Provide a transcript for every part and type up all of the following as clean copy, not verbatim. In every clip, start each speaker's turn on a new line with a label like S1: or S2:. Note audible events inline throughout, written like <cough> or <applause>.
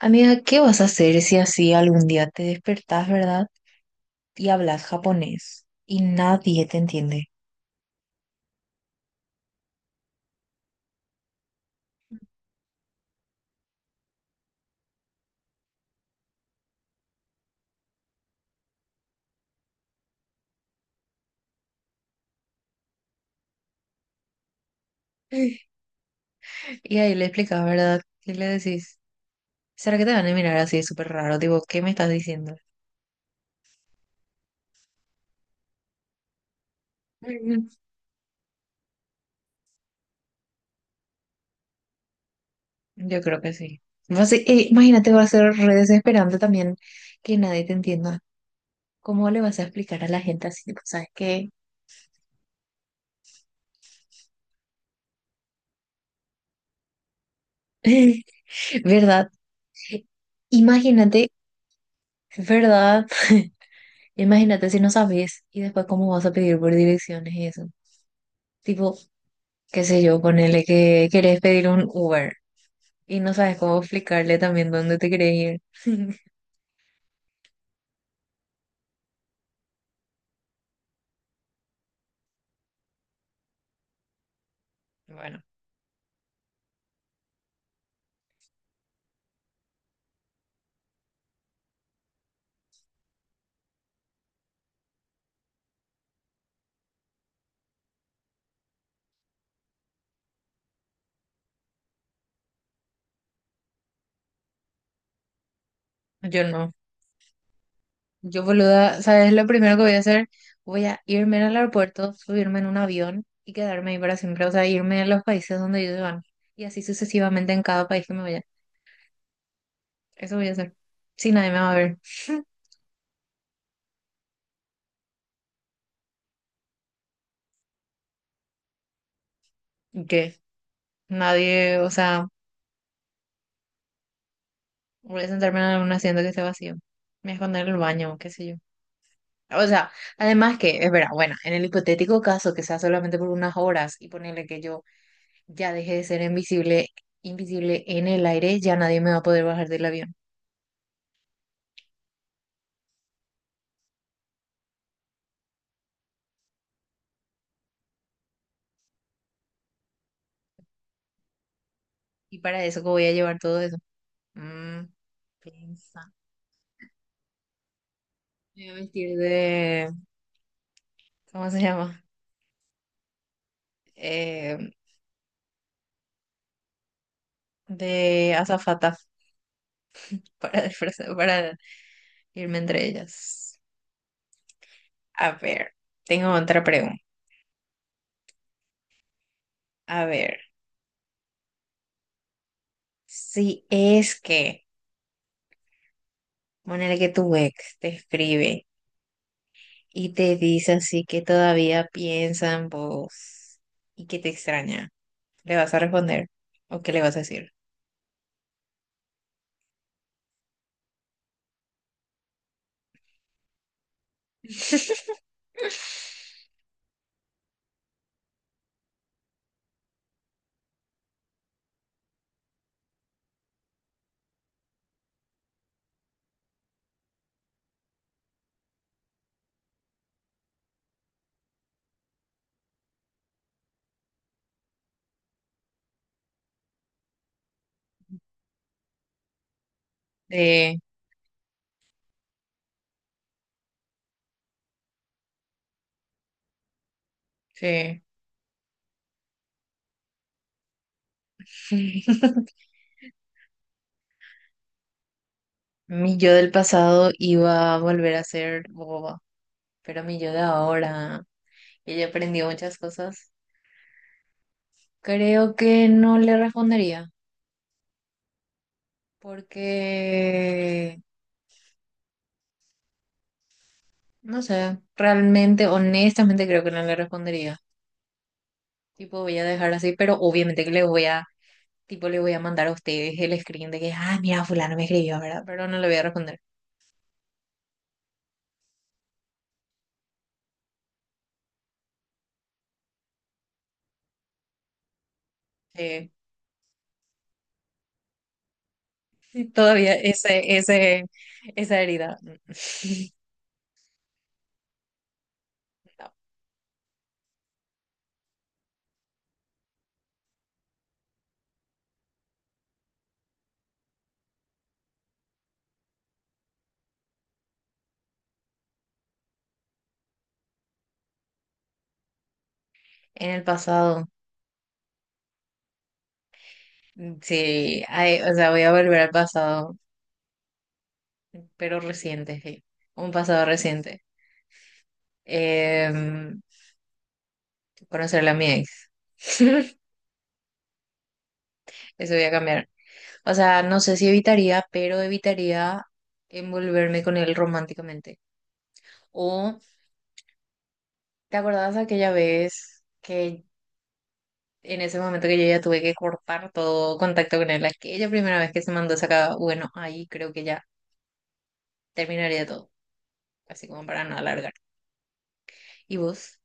S1: Amiga, ¿qué vas a hacer si así algún día te despertás, verdad? Y hablas japonés y nadie te entiende. <laughs> Y ahí le explicas, ¿verdad? Y le decís, ¿será que te van a mirar así súper raro? Digo, ¿qué me estás diciendo? <laughs> Ujú. Yo creo que sí. Imagínate, va a ser re desesperante también que nadie te entienda. ¿Cómo le vas a explicar a la gente así? Tipo, ¿sabes qué? <laughs> ¿Verdad? Imagínate, ¿verdad? Imagínate si no sabes y después cómo vas a pedir por direcciones y eso. Tipo, qué sé yo, ponele que querés pedir un Uber y no sabes cómo explicarle también dónde te querés ir. <laughs> Bueno, yo no. Yo, boluda, ¿sabes lo primero que voy a hacer? Voy a irme al aeropuerto, subirme en un avión y quedarme ahí para siempre. O sea, irme a los países donde ellos van. Y así sucesivamente en cada país que me vaya. Eso voy a hacer. Si nadie me va a ver. ¿Qué? Nadie, o sea, voy a sentarme en un asiento que esté vacío. Me voy a esconder en el baño, qué sé yo. O sea, además que, es verdad, bueno, en el hipotético caso que sea solamente por unas horas y ponerle que yo ya dejé de ser invisible, invisible en el aire, ya nadie me va a poder bajar del avión. Y para eso, ¿cómo voy a llevar todo eso? Mm, piensa. Me voy a vestir de, ¿cómo se llama? Eh, de azafata <laughs> para, para irme entre ellas. A ver, tengo otra pregunta. A ver, si es que, ponele que tu ex te escribe. Y te dice así que todavía piensa en vos y que te extraña. ¿Le vas a responder? ¿O qué le vas a decir? <laughs> Sí, sí. <laughs> Mi yo del pasado iba a volver a ser boba, pero mi yo de ahora, ella aprendió muchas cosas. Creo que no le respondería, porque, no sé, realmente, honestamente creo que no le respondería. Tipo, voy a dejar así, pero obviamente que le voy a. Tipo, le voy a mandar a ustedes el screen de que, ah, mira, fulano me escribió, ¿verdad? Pero no le voy a responder. Eh, todavía esa herida. <laughs> No. En el pasado, sí, ay, o sea, voy a volver al pasado, pero reciente, sí. Un pasado reciente. Em, conocerla a mi ex. <laughs> Eso voy a cambiar. O sea, no sé si evitaría, pero evitaría envolverme con él románticamente. O, ¿te acordás aquella vez que en ese momento que yo ya tuve que cortar todo contacto con él, aquella primera vez que se mandó sacaba, bueno, ahí creo que ya terminaría todo, así como para no alargar. ¿Y vos?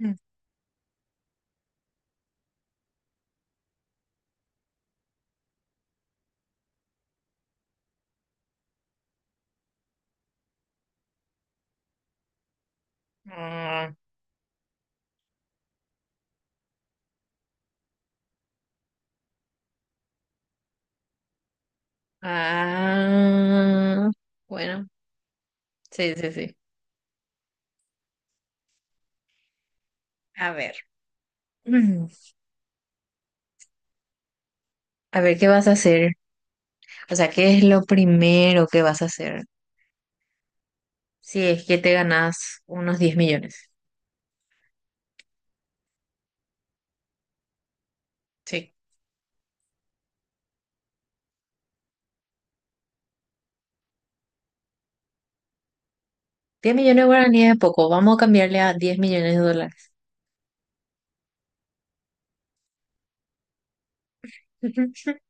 S1: Mm. Ah, ah, bueno, sí, sí, sí. A ver. Mm. A ver qué vas a hacer. O sea, ¿qué es lo primero que vas a hacer si es que te ganas unos 10 millones? Sí. 10 millones de guaraníes es poco, vamos a cambiarle a 10 millones de dólares. <laughs>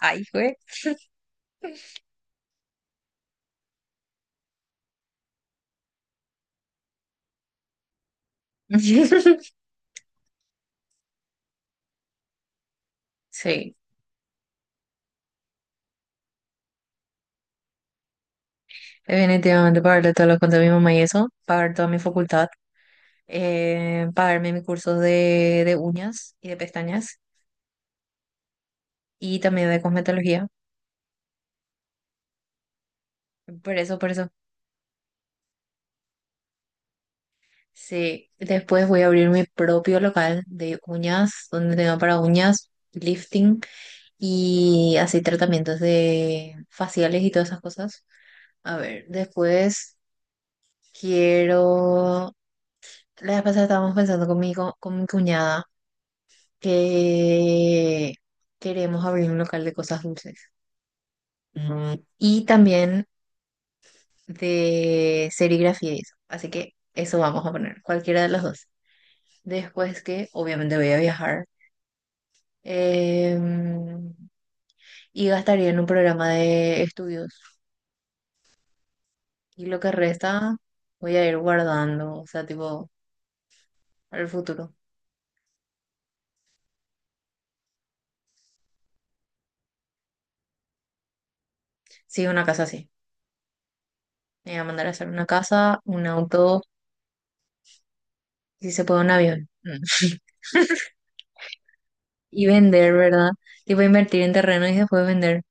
S1: Ay, güey. <laughs> Sí. Definitivamente pagarle todo lo cuento a mi mamá y eso, pagar toda mi facultad, pagarme mis cursos de, uñas y de pestañas y también de cosmetología. Por eso, por eso. Sí, después voy a abrir mi propio local de uñas, donde tenga para uñas, lifting y así tratamientos de faciales y todas esas cosas. A ver, después quiero. La vez pasada estábamos pensando con con mi cuñada. Que queremos abrir un local de cosas dulces, y también de serigrafía y eso. Así que eso vamos a poner, cualquiera de las dos. Después que obviamente voy a viajar, em, y gastaría en un programa de estudios. Y lo que resta voy a ir guardando, o sea, tipo, para el futuro. Sí, una casa así. Me voy a mandar a hacer una casa, un auto, si se puede un avión. Mm. Y vender, ¿verdad? Tipo, invertir en terreno y después vender.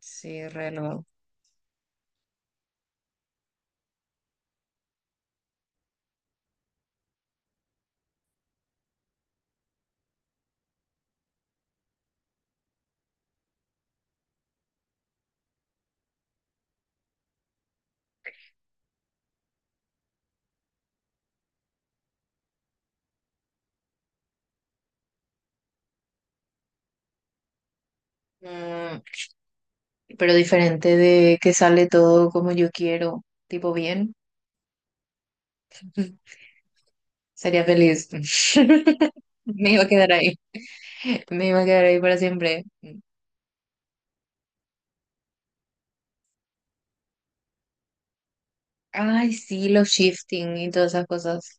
S1: Sí, reloj. Mm, pero diferente de que sale todo como yo quiero, tipo bien, <laughs> sería feliz. <laughs> Me iba a quedar ahí, me iba a quedar ahí para siempre. Ay, sí, los shifting y todas esas cosas.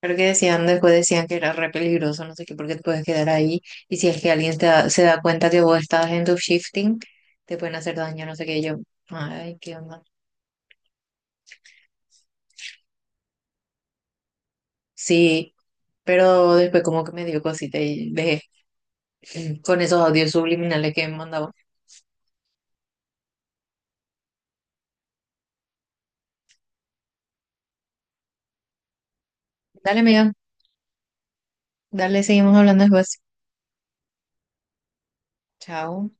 S1: Creo que decían, después decían que era re peligroso, no sé qué, porque te puedes quedar ahí. Y si es que alguien se da cuenta que vos estás en tu shifting, te pueden hacer daño, no sé qué. Y yo, ay, qué onda. Sí, pero después como que me dio cosita y dejé, con esos audios subliminales que me mandaba. Dale, amiga, dale, seguimos hablando después. Chao.